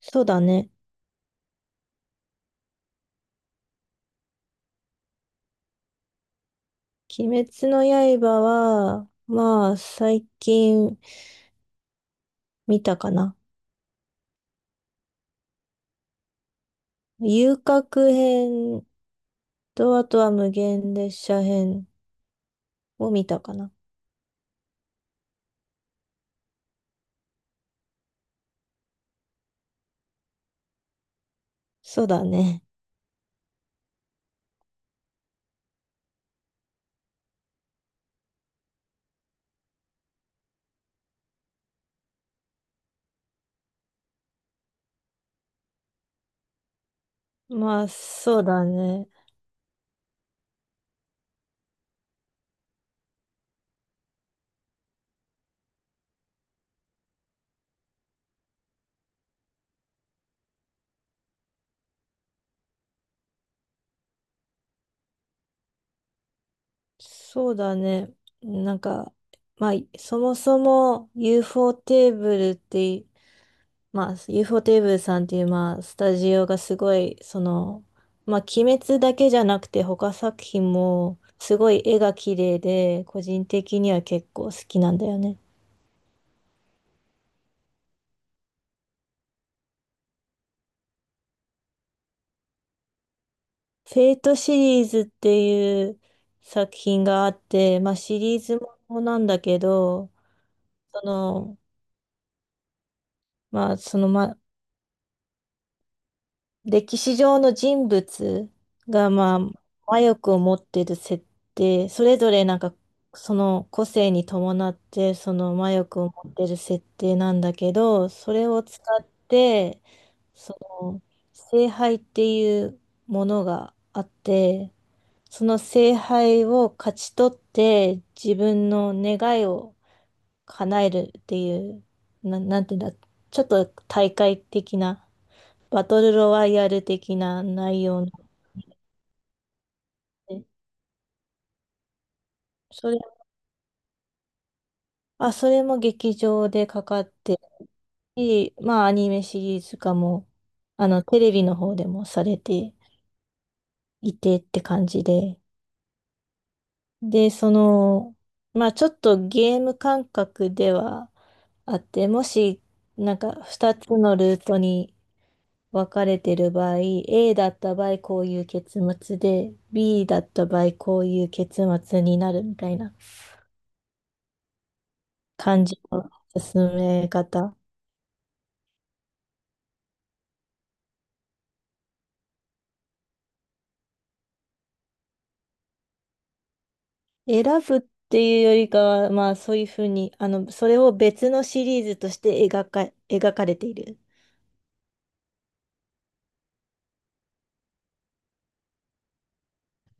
そうだね。鬼滅の刃は、まあ、最近見たかな。遊郭編と、あとは無限列車編を見たかな。そうだね。まあ、そうだね。そうだね。なんか、まあ、そもそも UFO テーブルって、まあ、u フォーテーブルさんっていう、まあ、スタジオがすごい、その、まあ、鬼滅だけじゃなくて、他作品も、すごい絵が綺麗で、個人的には結構好きなんだよね。フェイトシリーズっていう作品があって、まあ、シリーズものなんだけど、その、まあ、その、歴史上の人物が、まあ、魔力を持ってる設定、それぞれなんか、その個性に伴って、その魔力を持ってる設定なんだけど、それを使って、その、聖杯っていうものがあって、その聖杯を勝ち取って、自分の願いを叶えるっていう、なんていうんだ、ちょっと大会的なバトルロワイヤル的な内容なので、それ、それも劇場でかかってるし、まあアニメシリーズ化も、あの、テレビの方でもされていてって感じで、で、その、まあちょっとゲーム感覚ではあって、もし、なんか2つのルートに分かれてる場合、A だった場合こういう結末で、B だった場合こういう結末になるみたいな、感じの進め方。選ぶっていうよりかは、まあそういうふうに、あの、それを別のシリーズとして描かれている。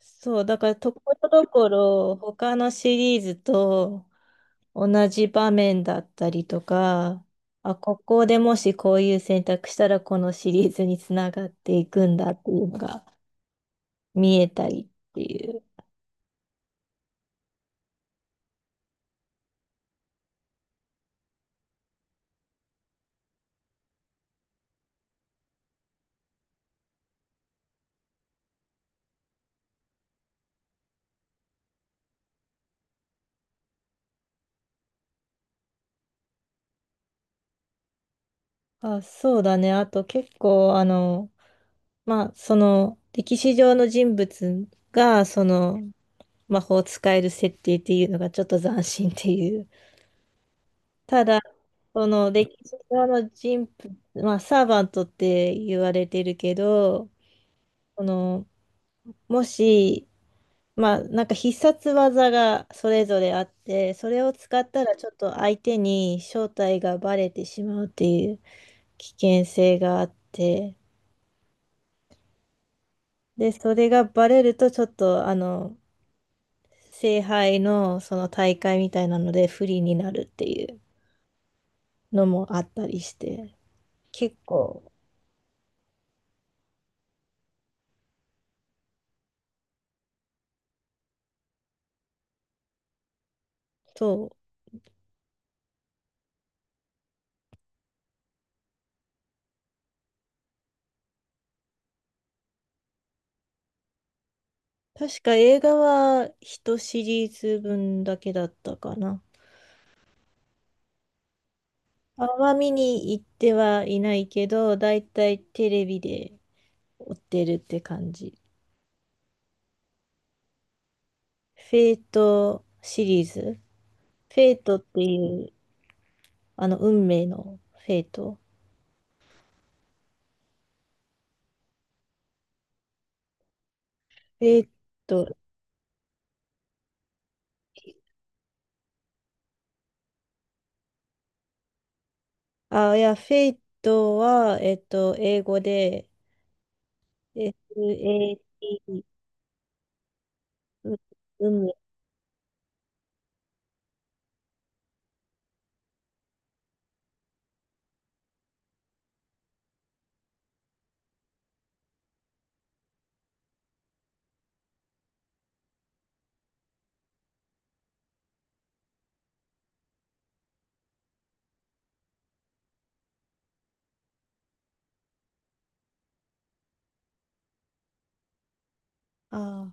そう、だからところどころ他のシリーズと同じ場面だったりとか、あ、ここでもしこういう選択したらこのシリーズにつながっていくんだっていうのが見えたりっていう。あ、そうだね。あと結構あの、まあ、その、歴史上の人物が、その、魔法を使える設定っていうのがちょっと斬新っていう。ただ、その、歴史上の人物、まあ、サーバントって言われてるけど、その、もし、まあ、なんか必殺技がそれぞれあって、それを使ったらちょっと相手に正体がバレてしまうっていう危険性があって、で、それがバレるとちょっと、あの、聖杯のその大会みたいなので不利になるっていうのもあったりして、結構、そう。確か映画は一シリーズ分だけだったかな。あんま見に行ってはいないけど、だいたいテレビで追ってるって感じ。フェイトシリーズ。フェイトっていう、あの、運命のフェイト。フェイト、いや、フェイトは、英語で、SAT、う、うむ。あ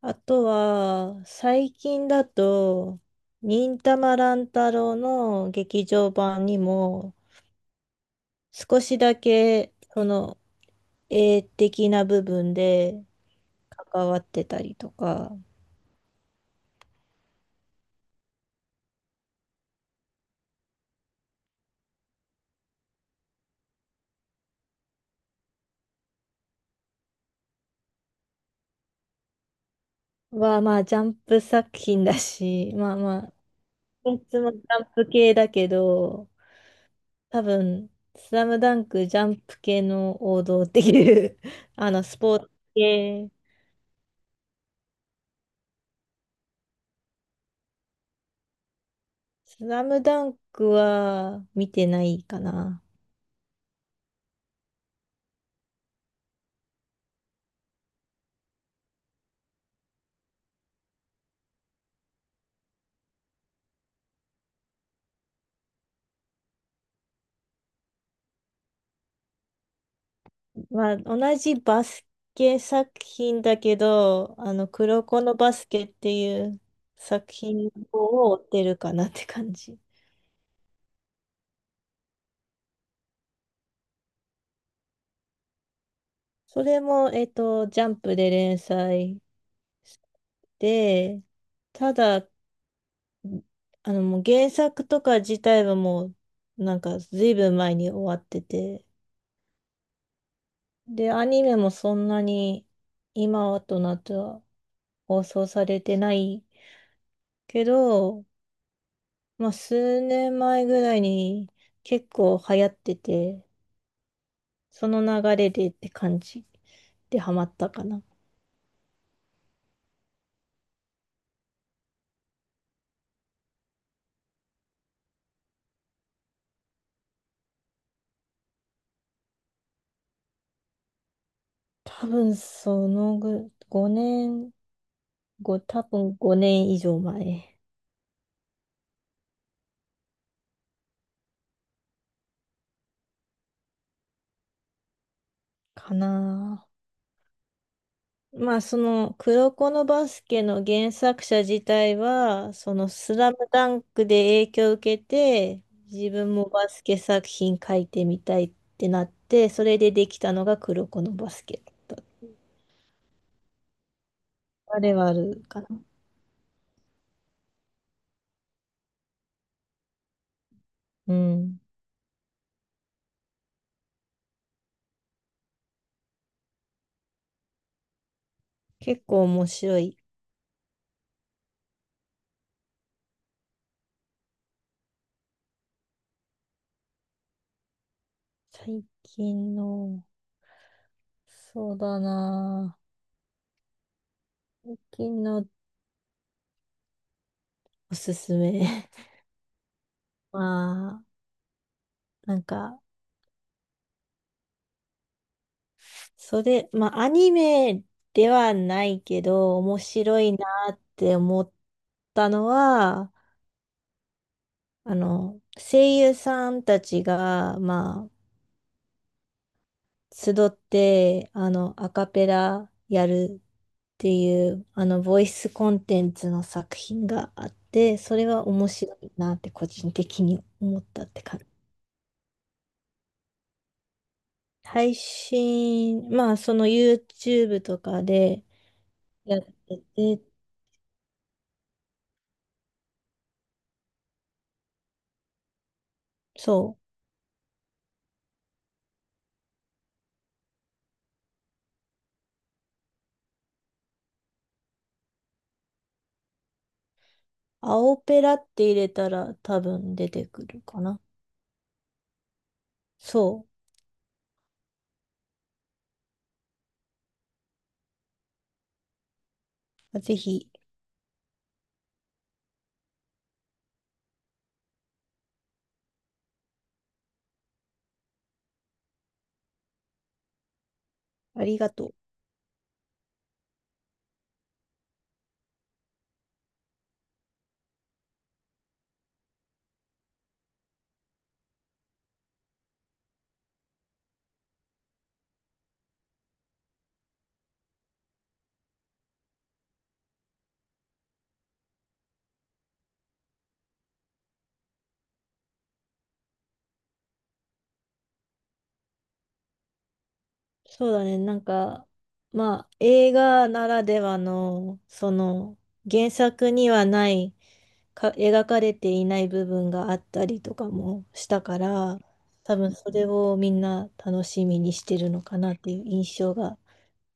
あ。あとは、最近だと、忍たま乱太郎の劇場版にも、少しだけ、その、絵的な部分で関わってたりとかは、まあ、ジャンプ作品だし、まあ、あ、いつもジャンプ系だけど、多分、スラムダンクジャンプ系の王道っていう、あの、スポーツ系。スラムダンクは見てないかな。まあ、同じバスケ作品だけど、あの、黒子のバスケっていう作品を追ってるかなって感じ。それも、ジャンプで連載して、ただ、あの、もう原作とか自体はもう、なんか、ずいぶん前に終わってて、で、アニメもそんなに今となっては放送されてないけど、まあ、数年前ぐらいに結構流行ってて、その流れでって感じでハマったかな。多分そのぐ、5年、多分5年以上前かな。まあその黒子のバスケの原作者自体は、そのスラムダンクで影響を受けて、自分もバスケ作品書いてみたいってなって、それでできたのが黒子のバスケ、だったあれはあるかな。うん。結構面白い。最近の、そうだなぁ。最近のおすすめ。まあ、なんか、それ、まあ、アニメではないけど、面白いなって思ったのは、あの、声優さんたちが、まあ、集って、あの、アカペラやるっていう、あの、ボイスコンテンツの作品があって、それは面白いなって個人的に思ったって感じ。配信、まあ、その YouTube とかでやってて、そう、青ペラって入れたら多分出てくるかな。そう。ぜひ、ありがとう。そうだね。なんか、まあ、映画ならではの、その、原作にはない、描かれていない部分があったりとかもしたから、多分それをみんな楽しみにしてるのかなっていう印象が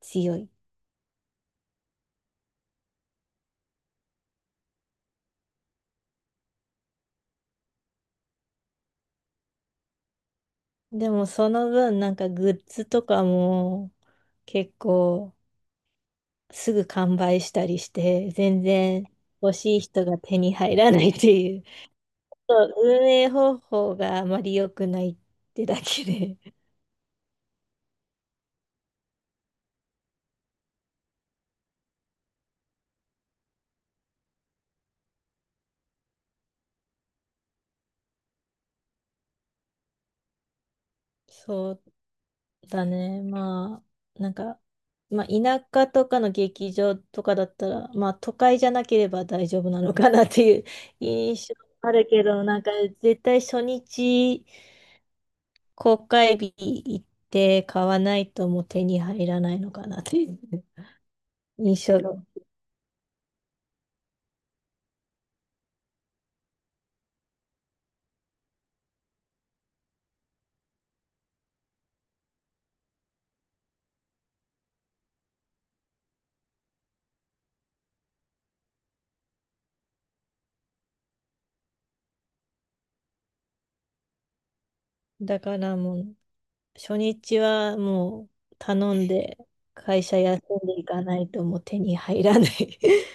強い。でもその分、なんかグッズとかも結構すぐ完売したりして、全然欲しい人が手に入らないっていう、そう、運営方法があまり良くないってだけで。そうだね。まあ、なんか、まあ、田舎とかの劇場とかだったら、まあ、都会じゃなければ大丈夫なのかなっていう 印象あるけど、なんか、絶対初日、公開日行って買わないともう手に入らないのかなっていう印象が。だからもう、初日はもう頼んで会社休んでいかないともう手に入らない。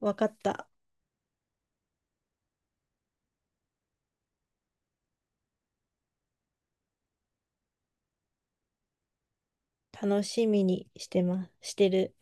わかった。楽しみにしてます。してる。